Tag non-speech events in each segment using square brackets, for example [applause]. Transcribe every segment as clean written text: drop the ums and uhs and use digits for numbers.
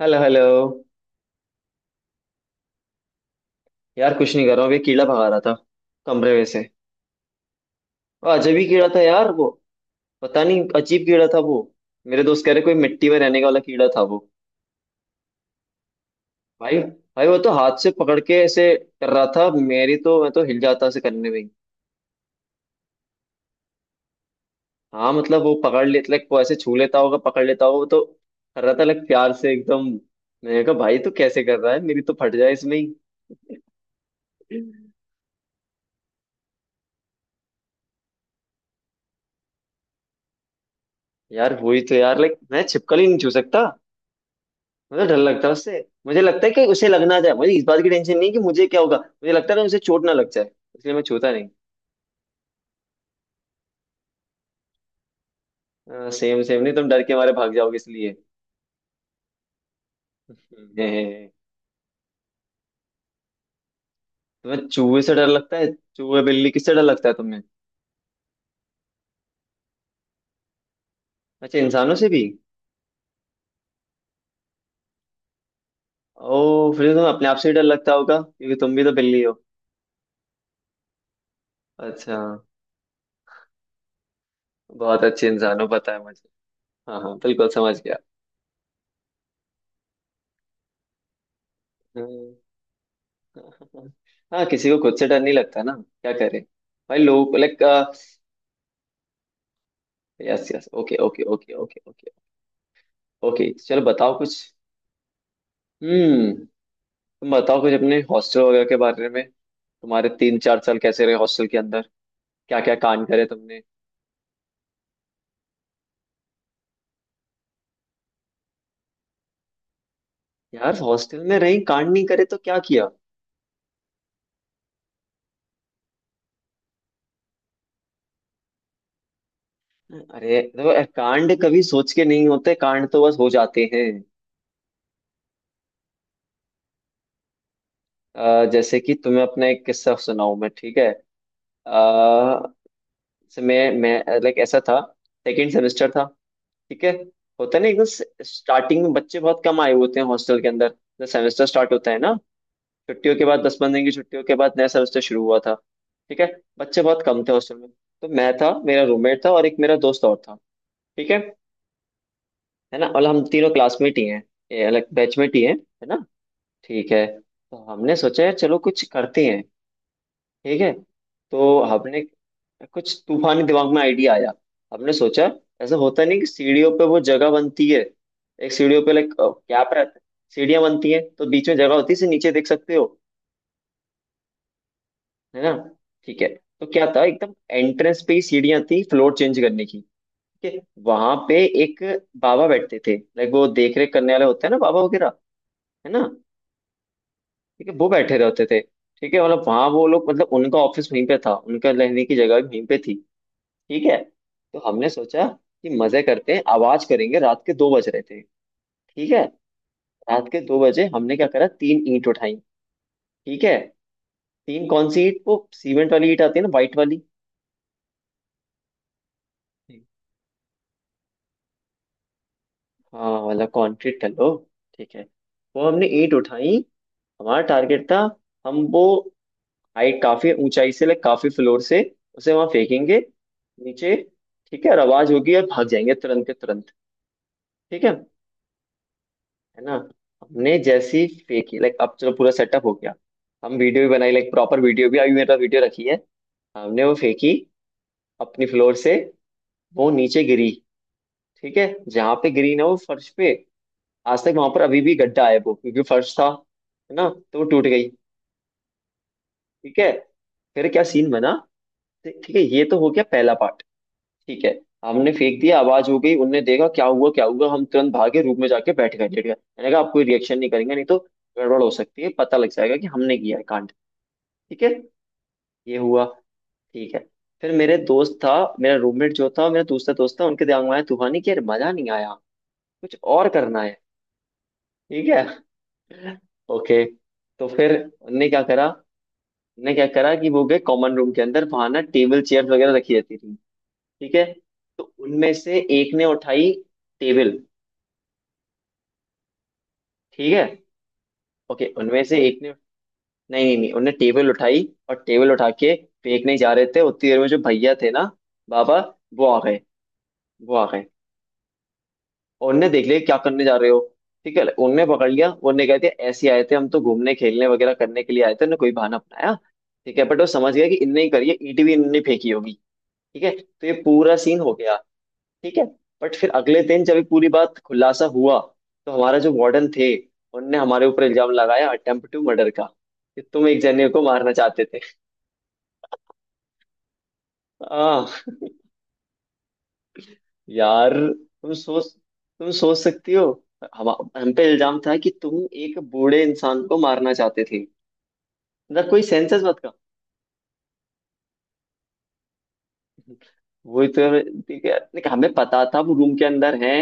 Hello hello. यार कुछ नहीं कर रहा हूँ अभी कीड़ा भगा रहा था कमरे में से। और अजब ही कीड़ा था यार वो। पता नहीं अजीब कीड़ा था वो। मेरे दोस्त कह रहे कोई मिट्टी में रहने वाला कीड़ा था वो। भाई भाई वो तो हाथ से पकड़ के ऐसे कर रहा था, मेरी तो मैं तो हिल जाता ऐसे करने में ही। हाँ मतलब वो पकड़ लेता, लाइक वो ऐसे छू लेता होगा पकड़ लेता होगा वो तो। कर रहा था लाइक प्यार से एकदम। मैंने कहा भाई तो कैसे कर रहा है, मेरी तो फट जाए इसमें ही। [laughs] यार हुई तो यार, लाइक मैं छिपकली नहीं छू सकता। मुझे डर लगता है उससे। मुझे लगता है कि उसे लग ना जाए, मुझे इस बात की टेंशन नहीं कि मुझे क्या होगा, मुझे लगता है ना उसे चोट ना लग जाए, इसलिए मैं छूता नहीं। सेम सेम नहीं, तुम डर के मारे भाग जाओगे इसलिए। हे, हे, हे। तुम्हें चूहे से डर लगता है, चूहे बिल्ली किससे डर लगता है तुम्हें। अच्छा इंसानों से भी। ओ फिर तो तुम्हें अपने आप से ही डर लगता होगा क्योंकि तुम भी तो बिल्ली हो। अच्छा बहुत अच्छे इंसान हो पता है मुझे। हाँ हाँ बिल्कुल समझ गया। हम्म। हाँ किसी को खुद से डर नहीं लगता ना। क्या करे। भाई लोग like. Yes yes okay okay okay okay okay. Okay चलो बताओ कुछ। हम्म। तुम बताओ कुछ अपने हॉस्टल वगैरह के बारे में। तुम्हारे 3 4 साल कैसे रहे हॉस्टल के अंदर, क्या क्या कांड करे तुमने। यार हॉस्टल में रही कांड नहीं करे तो क्या किया। अरे देखो यार, कांड कभी सोच के नहीं होते, कांड तो बस हो जाते हैं। जैसे कि तुम्हें अपना एक किस्सा सुनाऊं मैं, ठीक है। आ, मैं लाइक ऐसा था। सेकेंड सेमेस्टर था, ठीक है। होता है ना एकदम स्टार्टिंग में बच्चे बहुत कम आए होते हैं हॉस्टल के अंदर, जब सेमेस्टर स्टार्ट होता है ना। छुट्टियों के बाद 10 15 दिन की छुट्टियों के बाद नया सेमेस्टर शुरू हुआ था। ठीक है, बच्चे बहुत कम थे हॉस्टल में। तो मैं था, मेरा रूममेट था और एक मेरा दोस्त और था, ठीक है। है ना, और हम तीनों क्लासमेट ही हैं, ये अलग बैचमेट ही हैं, है ना। ठीक है। तो हमने सोचा यार चलो कुछ करते हैं, ठीक है। तो हमने कुछ तूफानी दिमाग में आइडिया आया। हमने सोचा, ऐसा होता नहीं कि सीढ़ियों पे वो जगह बनती है, एक सीढ़ियों पे लाइक क्या रहता है, सीढ़ियाँ बनती हैं तो बीच में जगह होती है से नीचे देख सकते हो, है ना, ठीक है। तो क्या था, एकदम एंट्रेंस पे ही सीढ़ियां थी फ्लोर चेंज करने की, ठीक है। वहां पे एक बाबा बैठते थे, लाइक वो देख रेख करने वाले होते हैं ना बाबा वगैरह, है ना। ठीक है, वो बैठे रहते थे, ठीक है, मतलब वहां वो लोग मतलब उनका ऑफिस वहीं पे था, उनका रहने की जगह भी वहीं पे थी, ठीक है। तो हमने सोचा कि मजे करते हैं, आवाज करेंगे, रात के 2 बज रहे थे, ठीक है। रात के 2 बजे हमने क्या करा, तीन ईंट उठाई, ठीक है। तीन कौन सी ईंट, वो सीमेंट वाली ईंट आती है ना व्हाइट वाली, हाँ वाला कंक्रीट कर लो, ठीक है। वो हमने ईंट उठाई। हमारा टारगेट था, हम वो हाइट काफी ऊंचाई से लाइक काफी फ्लोर से उसे वहां फेंकेंगे नीचे, ठीक है। और आवाज होगी और भाग जाएंगे तुरंत के तुरंत, ठीक है ना। हमने जैसी फेंकी, लाइक अब चलो पूरा सेटअप हो गया, हम वीडियो भी बनाई लाइक प्रॉपर वीडियो भी, अभी मेरे पास वीडियो रखी है। हमने वो फेंकी अपनी फ्लोर से, वो नीचे गिरी, ठीक है। जहां पे गिरी ना वो फर्श पे, आज तक वहां पर अभी भी गड्ढा है वो, क्योंकि फर्श था, है ना। तो वो टूट गई, ठीक है। फिर क्या सीन बना, ठीक है, ये तो हो गया पहला पार्ट, ठीक है। हमने फेंक दिया, आवाज हो गई, उनने देखा क्या हुआ क्या हुआ, हम तुरंत भागे रूम में जाके बैठ गए लेट गए, मैंने कहा आप कोई रिएक्शन नहीं करेंगे नहीं तो गड़बड़ हो सकती है, पता लग जाएगा कि हमने किया है कांड, ठीक है, ये हुआ, ठीक है। फिर मेरे दोस्त था, मेरा रूममेट जो था, मेरा दूसरा दोस्त था, उनके दिमाग में आया तूफानी कि यार मजा नहीं आया, कुछ और करना है, ठीक है। [laughs] ओके, तो फिर उनने क्या करा, ने क्या करा कि वो गए कॉमन रूम के अंदर, वहां ना टेबल चेयर वगैरह रखी रहती थी, ठीक है। तो उनमें से एक ने उठाई टेबल, ठीक है। ओके उनमें से एक ने, नहीं नहीं नहीं उनने टेबल उठाई, और टेबल उठा के फेंकने जा रहे थे, उतनी देर में जो भैया थे ना, बाबा, वो आ गए, वो आ गए, और उनने देख लिया क्या करने जा रहे हो, ठीक है। उनने पकड़ लिया, उनने कह दिया ऐसे आए थे हम तो घूमने खेलने वगैरह करने के लिए आए थे, उन्होंने कोई बहाना अपनाया, ठीक है। बट वो समझ गया कि इनने ही करी है, ईंट भी इनने फेंकी होगी, ठीक है। तो ये पूरा सीन हो गया, ठीक है। बट फिर अगले दिन जब ये पूरी बात खुलासा हुआ, तो हमारा जो वार्डन थे, उनने हमारे ऊपर इल्जाम लगाया अटेम्प्ट टू मर्डर का, कि तुम एक जने को मारना चाहते थे। आ, यार तुम सोच, तुम सोच सकती हो, हम हम पे इल्जाम था कि तुम एक बूढ़े इंसान को मारना चाहते थे, मतलब कोई सेंसेस मत का। [laughs] वही तो है, ठीक है, नहीं, हमें पता था वो रूम के अंदर है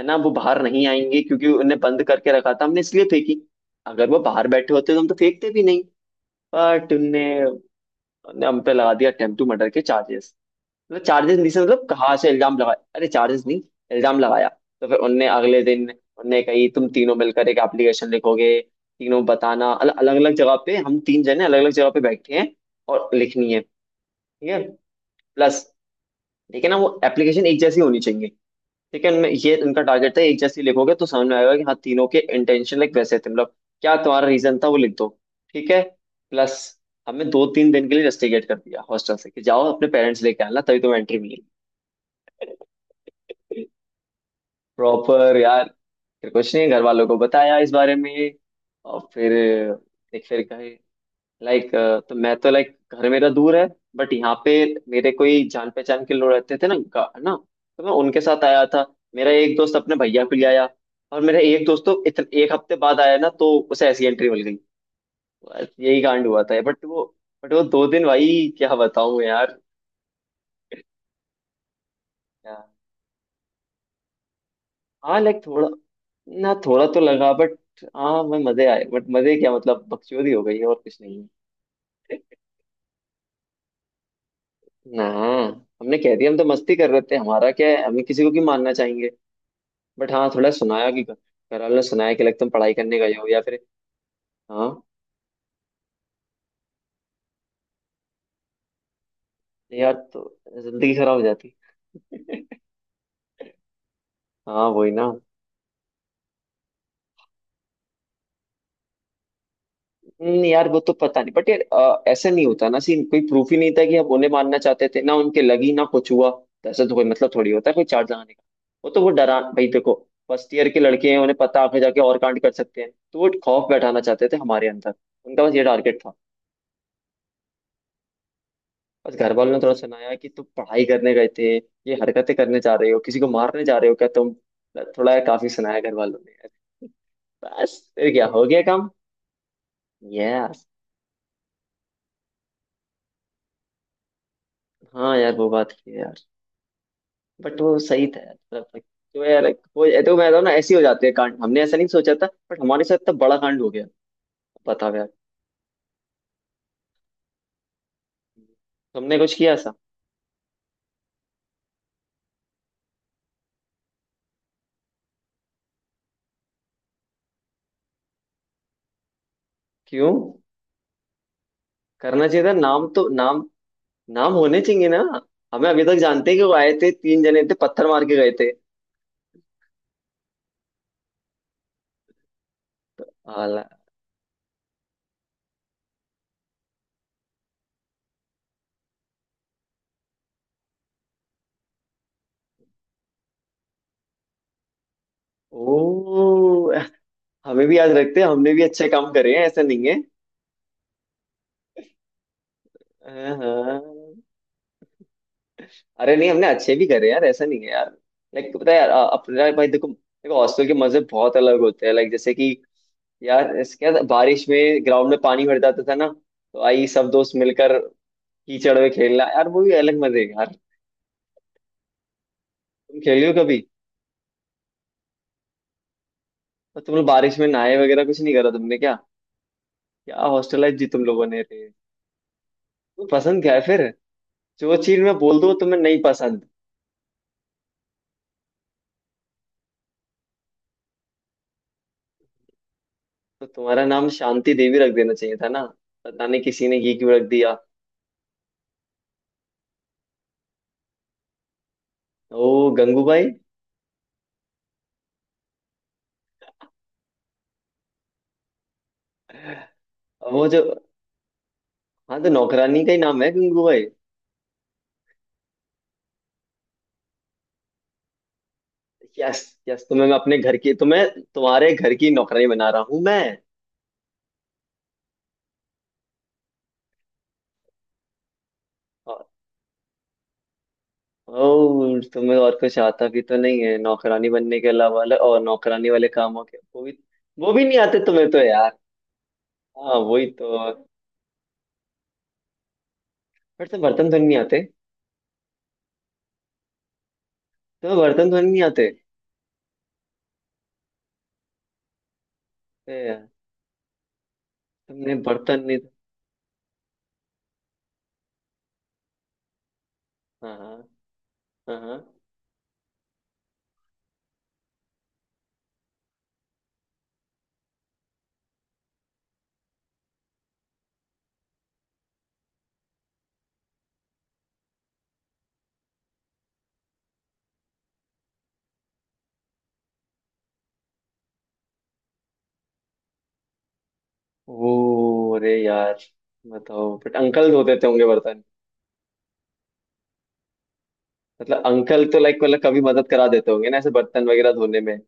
है ना, वो बाहर नहीं आएंगे क्योंकि उन्हें बंद करके रखा था हमने, इसलिए फेंकी, अगर वो बाहर बैठे होते तो हम तो फेंकते भी नहीं। बट उनने, उनने हम पे लगा दिया अटेम्प्ट टू मर्डर के चार्जेस, मतलब चार्जेस नहीं से, मतलब कहाँ से इल्जाम लगाया, अरे चार्जेस नहीं, इल्जाम लगाया। तो फिर उनने अगले दिन उनने कही तुम तीनों मिलकर एक एप्लीकेशन लिखोगे, तीनों बताना अलग अलग जगह पे, हम तीन जने अलग अलग जगह पे बैठे हैं और लिखनी है, ठीक है। प्लस, लेकिन ना वो एप्लीकेशन एक जैसी होनी चाहिए, लेकिन ये इनका टारगेट था, एक जैसी लिखोगे तो समझ में आएगा कि हाँ तीनों के इंटेंशन लाइक वैसे थे, मतलब क्या तुम्हारा रीजन था वो लिख दो, ठीक है। प्लस, हमें 2 3 दिन के लिए रस्टिकेट कर दिया हॉस्टल से कि जाओ अपने पेरेंट्स लेके आना तभी तुम्हें एंट्री मिलेगी, प्रॉपर यार। फिर कुछ नहीं, घर वालों को बताया इस बारे में, और फिर एक फिर कहे, लाइक तो मैं तो लाइक घर मेरा दूर है, बट यहाँ पे मेरे कोई जान पहचान के लोग रहते थे ना ना, तो मैं उनके साथ आया था, मेरा एक दोस्त अपने भैया को ले आया, और मेरा एक दोस्त तो एक हफ्ते बाद आया ना, तो उसे ऐसी एंट्री मिल गई। बस यही कांड हुआ था, बट वो, बट वो 2 दिन भाई, क्या बताऊं यार, क्या। हाँ लाइक थोड़ा ना, थोड़ा तो लगा बट, हाँ मैं मजे आए, बट मजे क्या मतलब बकचोदी हो गई है और कुछ नहीं है। [laughs] ना, हमने कह दिया हम तो मस्ती कर रहे थे, हमारा क्या है, हमें किसी को क्यों मानना चाहेंगे, बट हाँ थोड़ा सुनाया कि घर वालों ने सुनाया कि लगता तुम पढ़ाई करने गए हो या फिर। हाँ, यार तो जिंदगी खराब हो जाती। [laughs] हाँ वही ना। नहीं यार वो तो पता नहीं बट यार, ऐसा नहीं होता ना सीन, कोई प्रूफ ही नहीं था कि आप उन्हें मानना चाहते थे, ना उनके लगी ना कुछ हुआ, तो ऐसा तो कोई मतलब थोड़ी होता है कोई चार्ज लगाने का। वो तो वो डरा भाई देखो, फर्स्ट ईयर के लड़के हैं, उन्हें पता आगे जाके और कांड कर सकते हैं, तो वो खौफ बैठाना चाहते थे हमारे अंदर, उनका बस ये टारगेट था। बस घर वालों ने थोड़ा सुनाया कि तुम पढ़ाई करने गए थे, ये हरकतें करने जा रहे हो, किसी को मारने जा रहे हो क्या तुम, थोड़ा काफी सुनाया घर वालों ने यार। बस फिर क्या हो गया काम। यस, हाँ यार वो बात है यार, बट वो सही था यार मतलब। तो यार वो, ये तो मैं तो ना ऐसे ही हो जाते हैं कांड, हमने ऐसा नहीं सोचा था बट हमारे साथ इतना बड़ा कांड हो गया, बताओ यार। तुमने कुछ किया ऐसा। क्यों, करना चाहिए था, नाम तो नाम, नाम होने चाहिए ना। हमें अभी तक जानते हैं कि वो आए थे तीन जने थे पत्थर मार के गए थे। ओ हमें भी याद रखते हैं, हमने भी अच्छे काम करे हैं ऐसा नहीं है। हाँ, हाँ। अरे नहीं हमने अच्छे भी करे हैं यार, ऐसा नहीं है यार। लाइक पता है यार, अपने भाई देखो देखो हॉस्टल के मजे बहुत अलग होते हैं, लाइक जैसे कि यार इसके बाद बारिश में ग्राउंड में पानी भर जाता था ना, तो आई सब दोस्त मिलकर कीचड़ में खेलना, यार वो भी अलग मजे हैं यार। तुम खेली हो कभी, और तुम लोग बारिश में नहाए वगैरह कुछ नहीं करा तुमने क्या, क्या हॉस्टल लाइफ जी तुम लोगों ने रही। तुम्हें पसंद क्या है फिर, जो चीज मैं बोल दूं तुम्हें नहीं पसंद। तो तुम्हारा नाम शांति देवी रख देना चाहिए था ना, पता नहीं किसी ने ये क्यों रख दिया। ओ गंगूबाई। वो जो, हाँ तो नौकरानी का ही नाम है गंगूबाई। यस, यस तुम्हें मैं अपने घर की, तुम्हें तुम्हारे घर की नौकरानी बना रहा हूँ मैं। ओ तुम्हें और कुछ आता भी तो नहीं है नौकरानी बनने के अलावा और नौकरानी वाले कामों के वो भी, वो भी नहीं आते तुम्हें तो यार, हाँ वही तो। फिर से बर्तन धोने नहीं आते, तुम्हें बर्तन धोने नहीं आते, ए यार, तुमने बर्तन नहीं। हाँ हाँ हाँ हाँ। ओ अरे यार बताओ, बट अंकल धो देते होंगे बर्तन, मतलब अंकल तो लाइक मतलब कभी मदद करा देते होंगे ना ऐसे बर्तन वगैरह धोने में।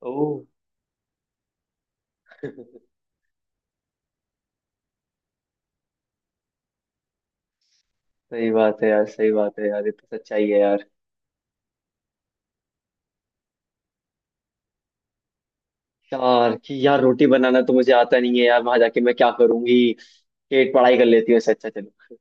ओ [laughs] सही बात है यार, सही बात है यार, ये तो सच्चाई है यार। यार कि यार रोटी बनाना तो मुझे आता नहीं है यार, वहां जाके मैं क्या करूंगी, पेट पढ़ाई कर लेती हूँ इससे अच्छा चलो।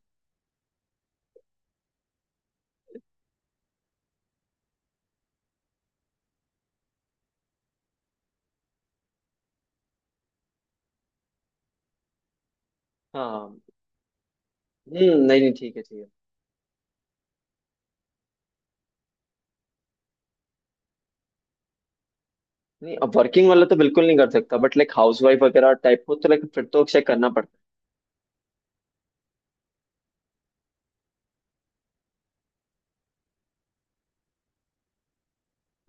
हाँ नहीं नहीं ठीक है ठीक है। नहीं अब वर्किंग वाला तो बिल्कुल नहीं कर सकता बट लाइक हाउस वाइफ वगैरह टाइप को तो लाइक फिर तो चेक करना पड़ता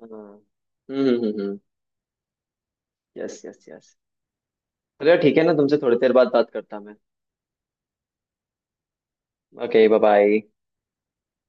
है। हाँ हम्म। Yes yes yes. चलो ठीक है ना तुमसे थोड़ी देर बाद बात करता मैं, ओके बाय बाय।